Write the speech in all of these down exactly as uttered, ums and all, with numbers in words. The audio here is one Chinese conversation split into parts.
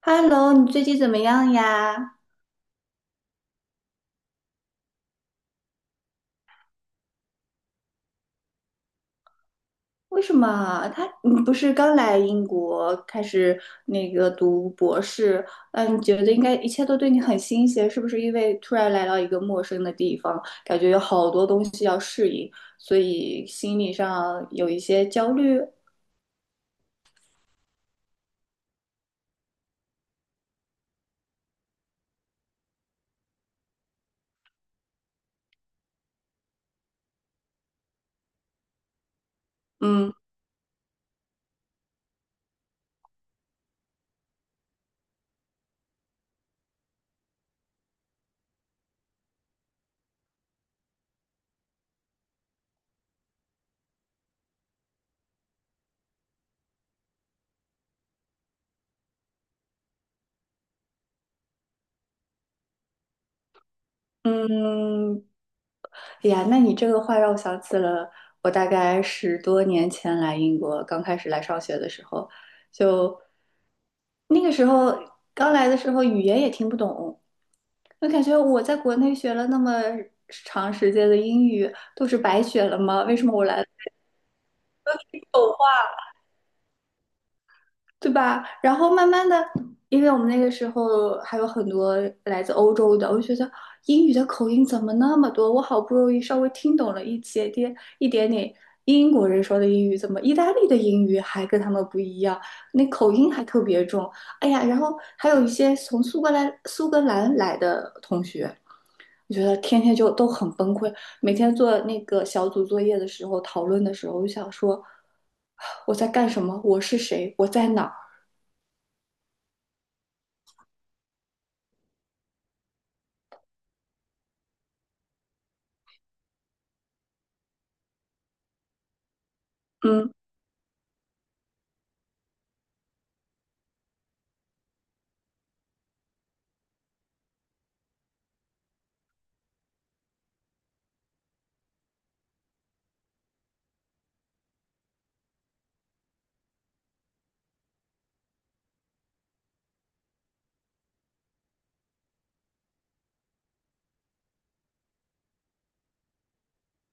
Hello，你最近怎么样呀？为什么他你不是刚来英国开始那个读博士？嗯，你觉得应该一切都对你很新鲜，是不是？因为突然来到一个陌生的地方，感觉有好多东西要适应，所以心理上有一些焦虑。嗯嗯，哎呀，那你这个话让我想起了我大概十多年前来英国，刚开始来上学的时候，就。那个时候刚来的时候，语言也听不懂，我感觉我在国内学了那么长时间的英语，都是白学了吗？为什么我来了？对吧？然后慢慢的，因为我们那个时候还有很多来自欧洲的，我就觉得英语的口音怎么那么多？我好不容易稍微听懂了一些点一点点英国人说的英语，怎么意大利的英语还跟他们不一样？那口音还特别重。哎呀，然后还有一些从苏格兰苏格兰来的同学。我觉得天天就都很崩溃，每天做那个小组作业的时候，讨论的时候，我就想说，我在干什么？我是谁？我在哪儿？嗯，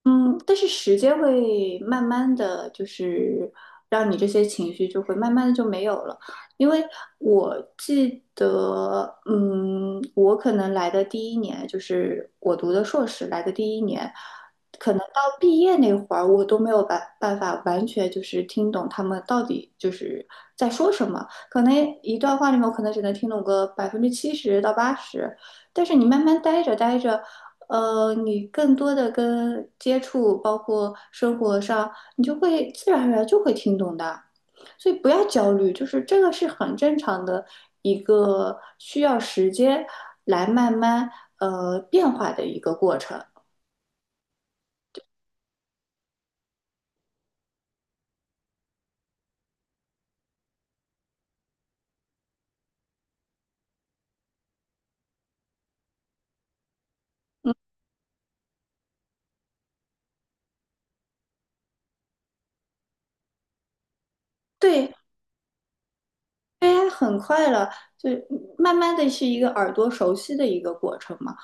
嗯，但是时间会慢慢的就是让你这些情绪就会慢慢的就没有了，因为我记得，嗯，我可能来的第一年就是我读的硕士来的第一年，可能到毕业那会儿，我都没有办办法完全就是听懂他们到底就是在说什么，可能一段话里面我可能只能听懂个百分之七十到八十，但是你慢慢待着待着。呃，你更多的跟接触，包括生活上，你就会自然而然就会听懂的，所以不要焦虑，就是这个是很正常的一个需要时间来慢慢呃变化的一个过程。对，A I 很快了，就慢慢的是一个耳朵熟悉的一个过程嘛。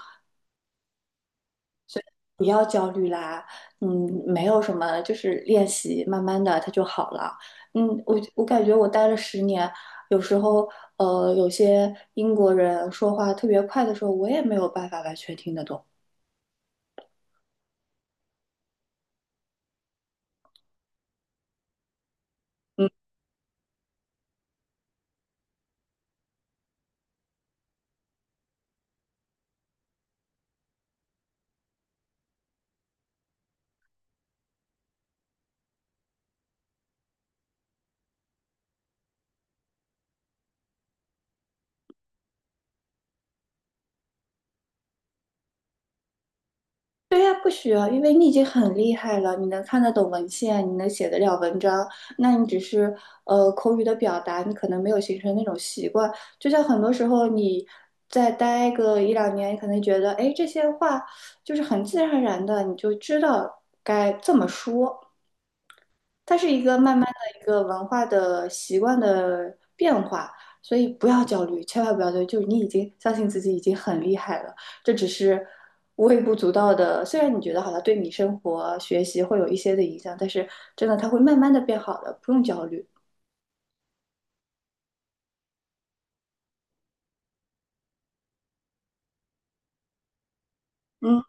不要焦虑啦，嗯，没有什么，就是练习，慢慢的它就好了。嗯，我我感觉我待了十年，有时候呃，有些英国人说话特别快的时候，我也没有办法完全听得懂。嗯。对呀，不需要，因为你已经很厉害了，你能看得懂文献，你能写得了文章，那你只是呃口语的表达，你可能没有形成那种习惯。就像很多时候你再待个一两年，你可能觉得，哎，这些话就是很自然而然的，你就知道该这么说。它是一个慢慢的一个文化的习惯的变化，所以不要焦虑，千万不要焦虑，就是你已经相信自己已经很厉害了，这只是微不足道的。虽然你觉得好像对你生活、学习会有一些的影响，但是真的它会慢慢的变好的，不用焦虑。嗯，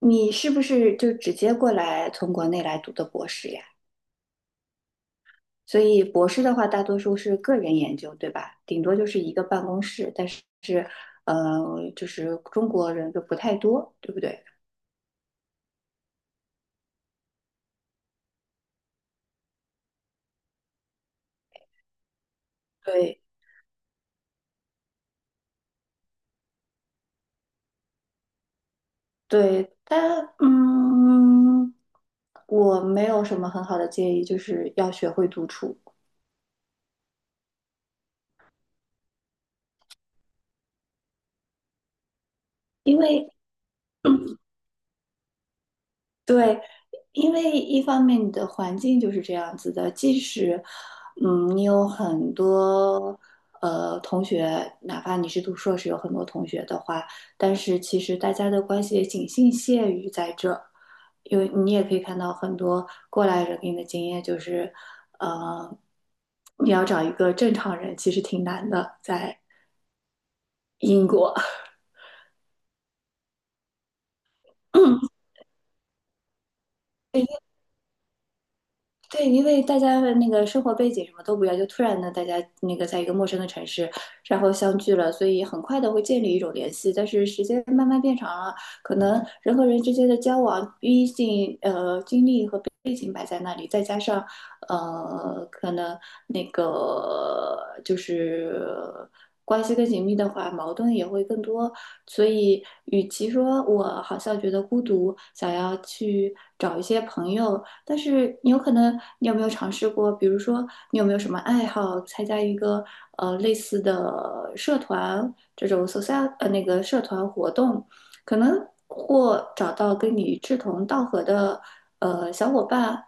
你是不是就直接过来从国内来读的博士呀？所以博士的话，大多数是个人研究，对吧？顶多就是一个办公室，但是呃，就是中国人就不太多，对不对？对对，但嗯，我没有什么很好的建议，就是要学会独处，因为对，因为一方面你的环境就是这样子的，即使，嗯，你有很多呃同学，哪怕你是读硕士，有很多同学的话，但是其实大家的关系也仅限限于在这因为你也可以看到很多过来人给你的经验，就是，呃，你要找一个正常人其实挺难的，在英国。对，因为大家的那个生活背景什么都不一样，就突然呢，大家那个在一个陌生的城市，然后相聚了，所以很快的会建立一种联系。但是时间慢慢变长了，可能人和人之间的交往，毕竟呃经历和背景摆在那里，再加上呃可能那个就是关系更紧密的话，矛盾也会更多。所以，与其说我好像觉得孤独，想要去找一些朋友。但是你有可能，你有没有尝试过？比如说，你有没有什么爱好？参加一个呃类似的社团，这种 social 呃那个社团活动，可能或找到跟你志同道合的呃小伙伴。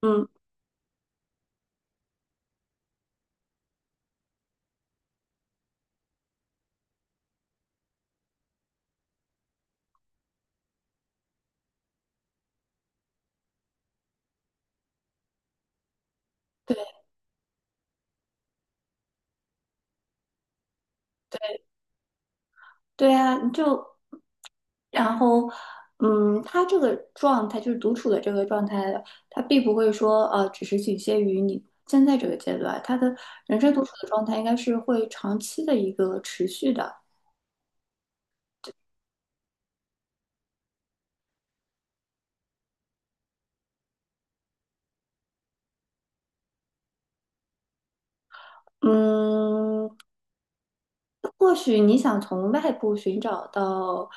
嗯，对。对啊，你就然后，嗯，他这个状态就是独处的这个状态，他并不会说呃，只是仅限于你现在这个阶段，他的人生独处的状态应该是会长期的一个持续的。嗯，或许你想从外部寻找到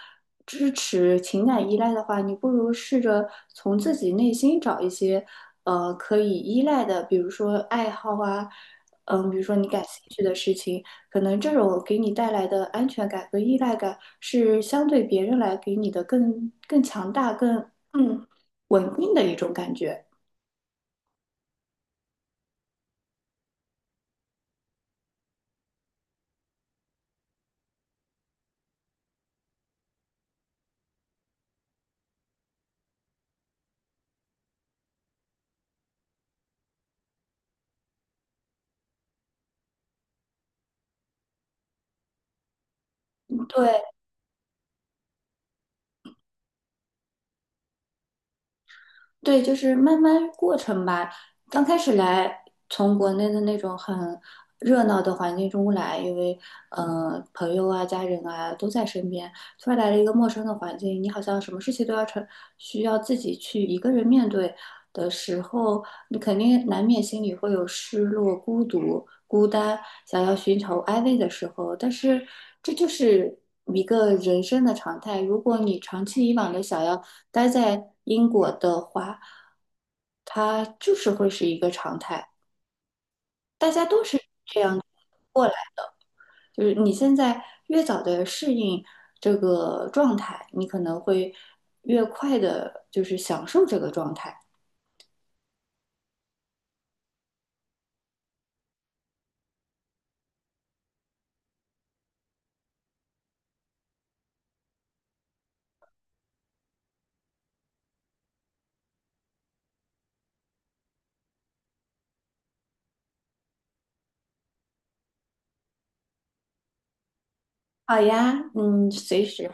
支持、情感依赖的话，你不如试着从自己内心找一些，呃，可以依赖的，比如说爱好啊，嗯，比如说你感兴趣的事情，可能这种给你带来的安全感和依赖感是相对别人来给你的更更强大、更嗯稳定的一种感觉。对。对，就是慢慢过程吧。刚开始来，从国内的那种很热闹的环境中来，因为嗯，朋友啊、家人啊都在身边。突然来了一个陌生的环境，你好像什么事情都要成，需要自己去一个人面对的时候，你肯定难免心里会有失落、孤独、孤单，想要寻求安慰的时候。但是这就是一个人生的常态。如果你长期以往的想要待在英国的话，它就是会是一个常态，大家都是这样过来。就是你现在越早的适应这个状态，你可能会越快的，就是享受这个状态。好呀，嗯，随时。